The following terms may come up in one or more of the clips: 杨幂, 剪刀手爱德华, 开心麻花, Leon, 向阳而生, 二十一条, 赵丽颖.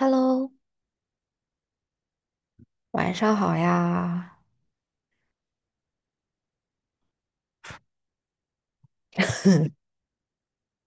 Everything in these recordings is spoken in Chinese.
Hello，晚上好呀！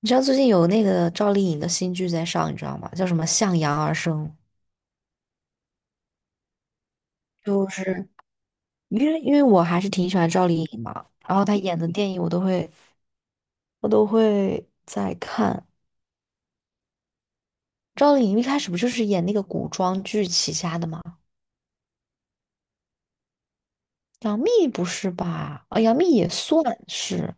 你知道最近有那个赵丽颖的新剧在上，你知道吗？叫什么《向阳而生》，就是因为我还是挺喜欢赵丽颖嘛，然后她演的电影我都会在看。赵丽颖一开始不就是演那个古装剧起家的吗？杨幂不是吧？杨幂也算是，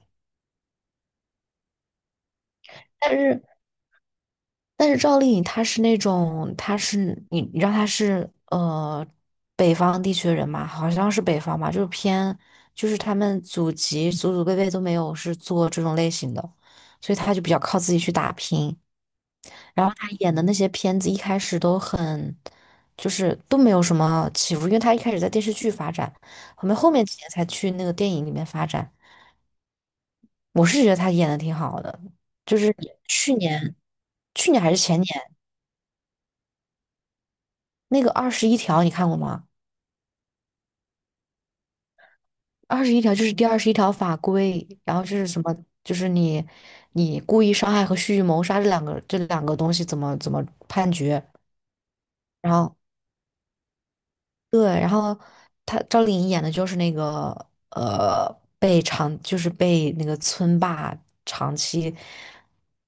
但是。但是赵丽颖她是那种，她是你你知道她是呃北方地区的人嘛，好像是北方吧，就是偏就是他们祖籍祖祖辈辈都没有是做这种类型的，所以她就比较靠自己去打拼。然后她演的那些片子一开始都很就是都没有什么起伏，因为她一开始在电视剧发展，后面几年才去那个电影里面发展。我是觉得她演的挺好的，就是去年去年还是前年。那个二十一条你看过吗？二十一条就是第21条法规，然后就是什么，就是你故意伤害和蓄意谋杀这两个东西怎么判决？然后对，然后他赵丽颖演的就是那个呃被那个村霸长期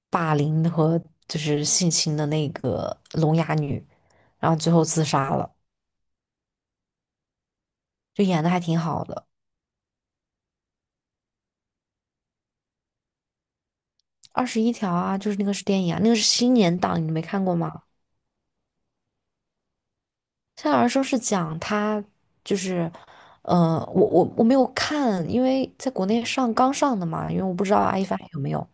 霸凌和就是性侵的那个聋哑女，然后最后自杀了，就演的还挺好的。二十一条啊，就是那个是电影啊，那个是新年档，你没看过吗？夏尔生是讲他就是，我没有看，因为在国内上刚上的嘛，因为我不知道阿一凡有没有。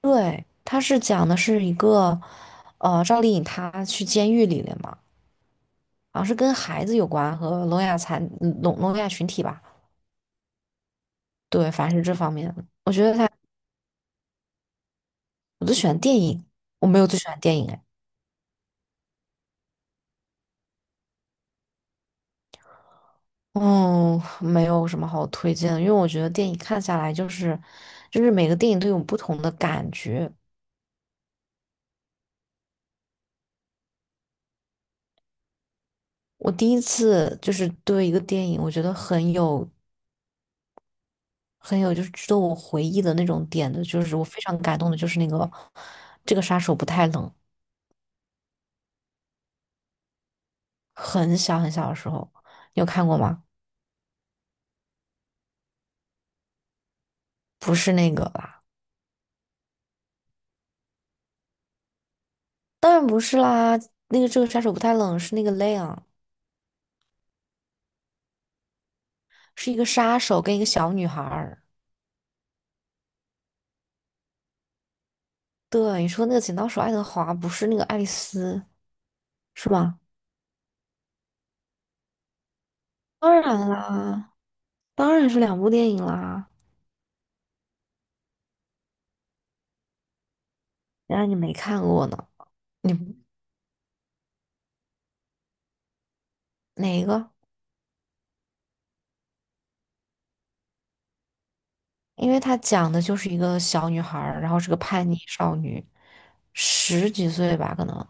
对，他是讲的是一个，赵丽颖她去监狱里了嘛，好像是跟孩子有关和聋哑残嗯聋聋哑群体吧，对，反正是这方面的我觉得他，我最喜欢电影，我没有最喜欢电影哎。嗯，没有什么好推荐的，因为我觉得电影看下来就是，就是每个电影都有不同的感觉。我第一次就是对一个电影，我觉得很有就是值得我回忆的那种点的，就是我非常感动的，就是那个这个杀手不太冷，很小很小的时候，你有看过吗？不是那个吧？当然不是啦，那个这个杀手不太冷是那个 Leon，是一个杀手跟一个小女孩儿。对，你说那个剪刀手爱德华不是那个爱丽丝是吧？当然啦，当然是两部电影啦。原来你没看过呢？你哪一个？因为它讲的就是一个小女孩儿，然后是个叛逆少女，十几岁吧，可能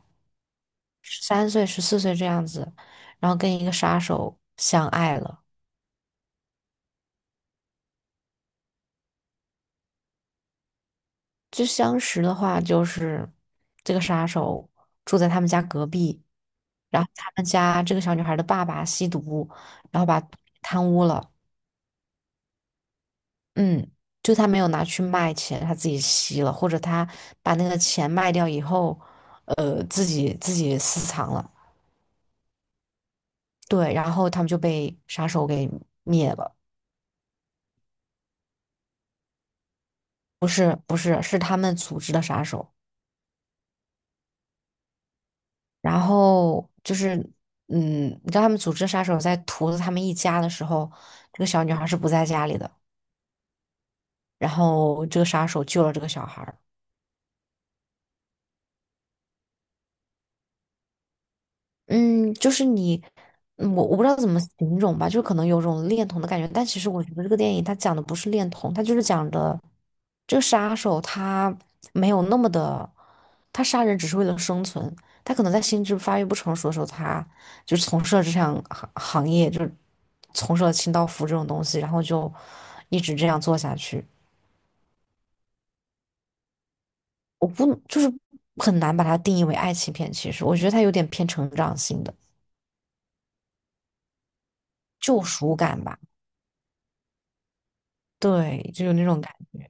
13岁、14岁这样子，然后跟一个杀手相爱了。就相识的话，就是这个杀手住在他们家隔壁，然后他们家这个小女孩的爸爸吸毒，然后把贪污了。嗯，就他没有拿去卖钱，他自己吸了，或者他把那个钱卖掉以后，自己私藏了。对，然后他们就被杀手给灭了，不是不是，是他们组织的杀手。然后就是，嗯，你知道他们组织的杀手在屠了他们一家的时候，这个小女孩是不在家里的，然后这个杀手救了这个小孩。嗯，就是你，我不知道怎么形容吧，就可能有种恋童的感觉，但其实我觉得这个电影它讲的不是恋童，它就是讲的这个杀手他没有那么的，他杀人只是为了生存，他可能在心智发育不成熟的时候，他就从事了这项行业，就从事了清道夫这种东西，然后就一直这样做下去。我不就是很难把它定义为爱情片，其实我觉得它有点偏成长性的救赎感吧，对，就有那种感觉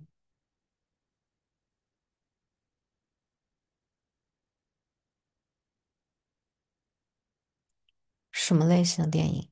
什么类型的电影？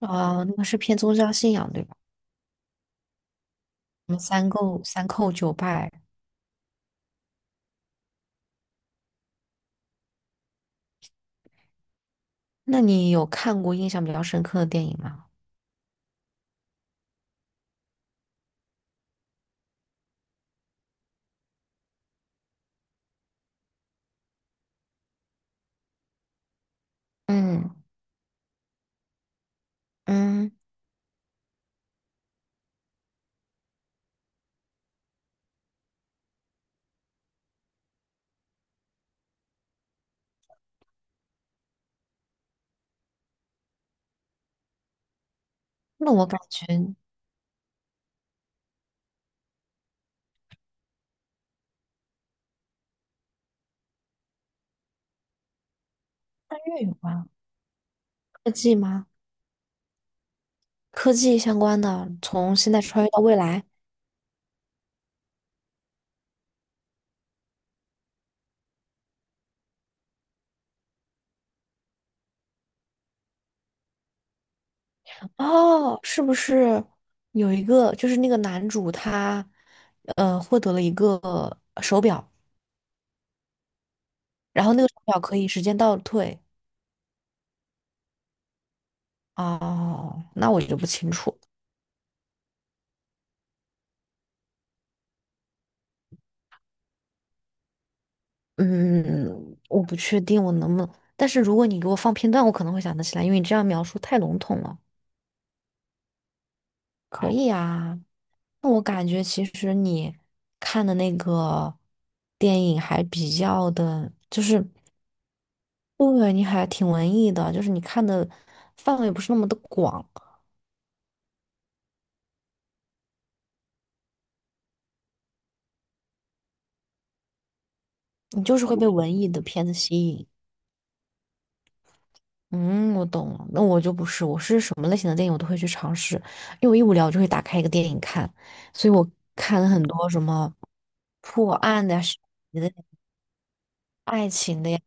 啊，那个是偏宗教信仰，对吧？什么三叩九拜？那你有看过印象比较深刻的电影吗？嗯嗯，那我感觉越有关。科技吗？科技相关的，从现在穿越到未来。哦，是不是有一个就是那个男主他获得了一个手表，然后那个手表可以时间倒退？哦，那我就不清楚。嗯，我不确定我能不能，但是如果你给我放片段，我可能会想得起来，因为你这样描述太笼统了。可好以啊，那我感觉其实你看的那个电影还比较的，就是对你还挺文艺的，就是你看的范围不是那么的广，你就是会被文艺的片子吸引。嗯，我懂了。那我就不是，我是什么类型的电影我都会去尝试，因为我一无聊我就会打开一个电影看，所以我看了很多什么破案的呀、悬疑的呀爱情的呀。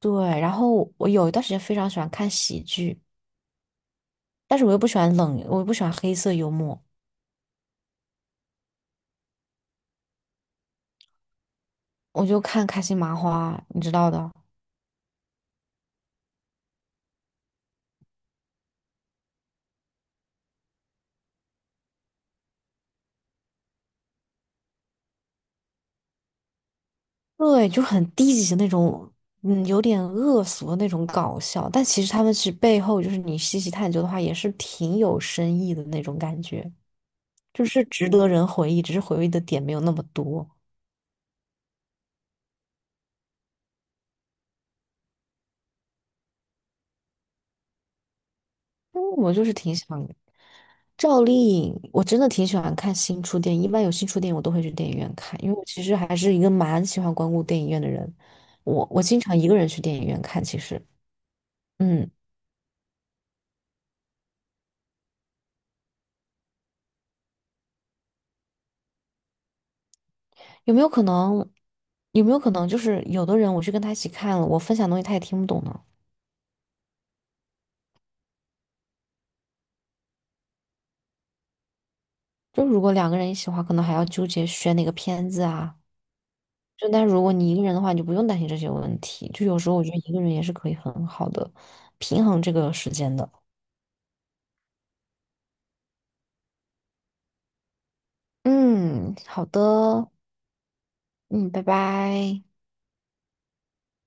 对，然后我有一段时间非常喜欢看喜剧，但是我又不喜欢冷，我又不喜欢黑色幽默，我就看开心麻花，你知道的。对，就很低级的那种，嗯，有点恶俗的那种搞笑，但其实他们是背后就是你细细探究的话，也是挺有深意的那种感觉。就是值得人回忆，只是回忆的点没有那么多。嗯，我就是挺想赵丽颖，我真的挺喜欢看新出电影，一般有新出电影我都会去电影院看，因为我其实还是一个蛮喜欢光顾电影院的人。我我经常一个人去电影院看，其实，嗯，有没有可能？有没有可能就是有的人我去跟他一起看了，我分享东西他也听不懂呢？就如果两个人一起的话，可能还要纠结选哪个片子啊。就但如果你一个人的话，你就不用担心这些问题。就有时候我觉得一个人也是可以很好的平衡这个时间的。嗯，好的，嗯，拜拜。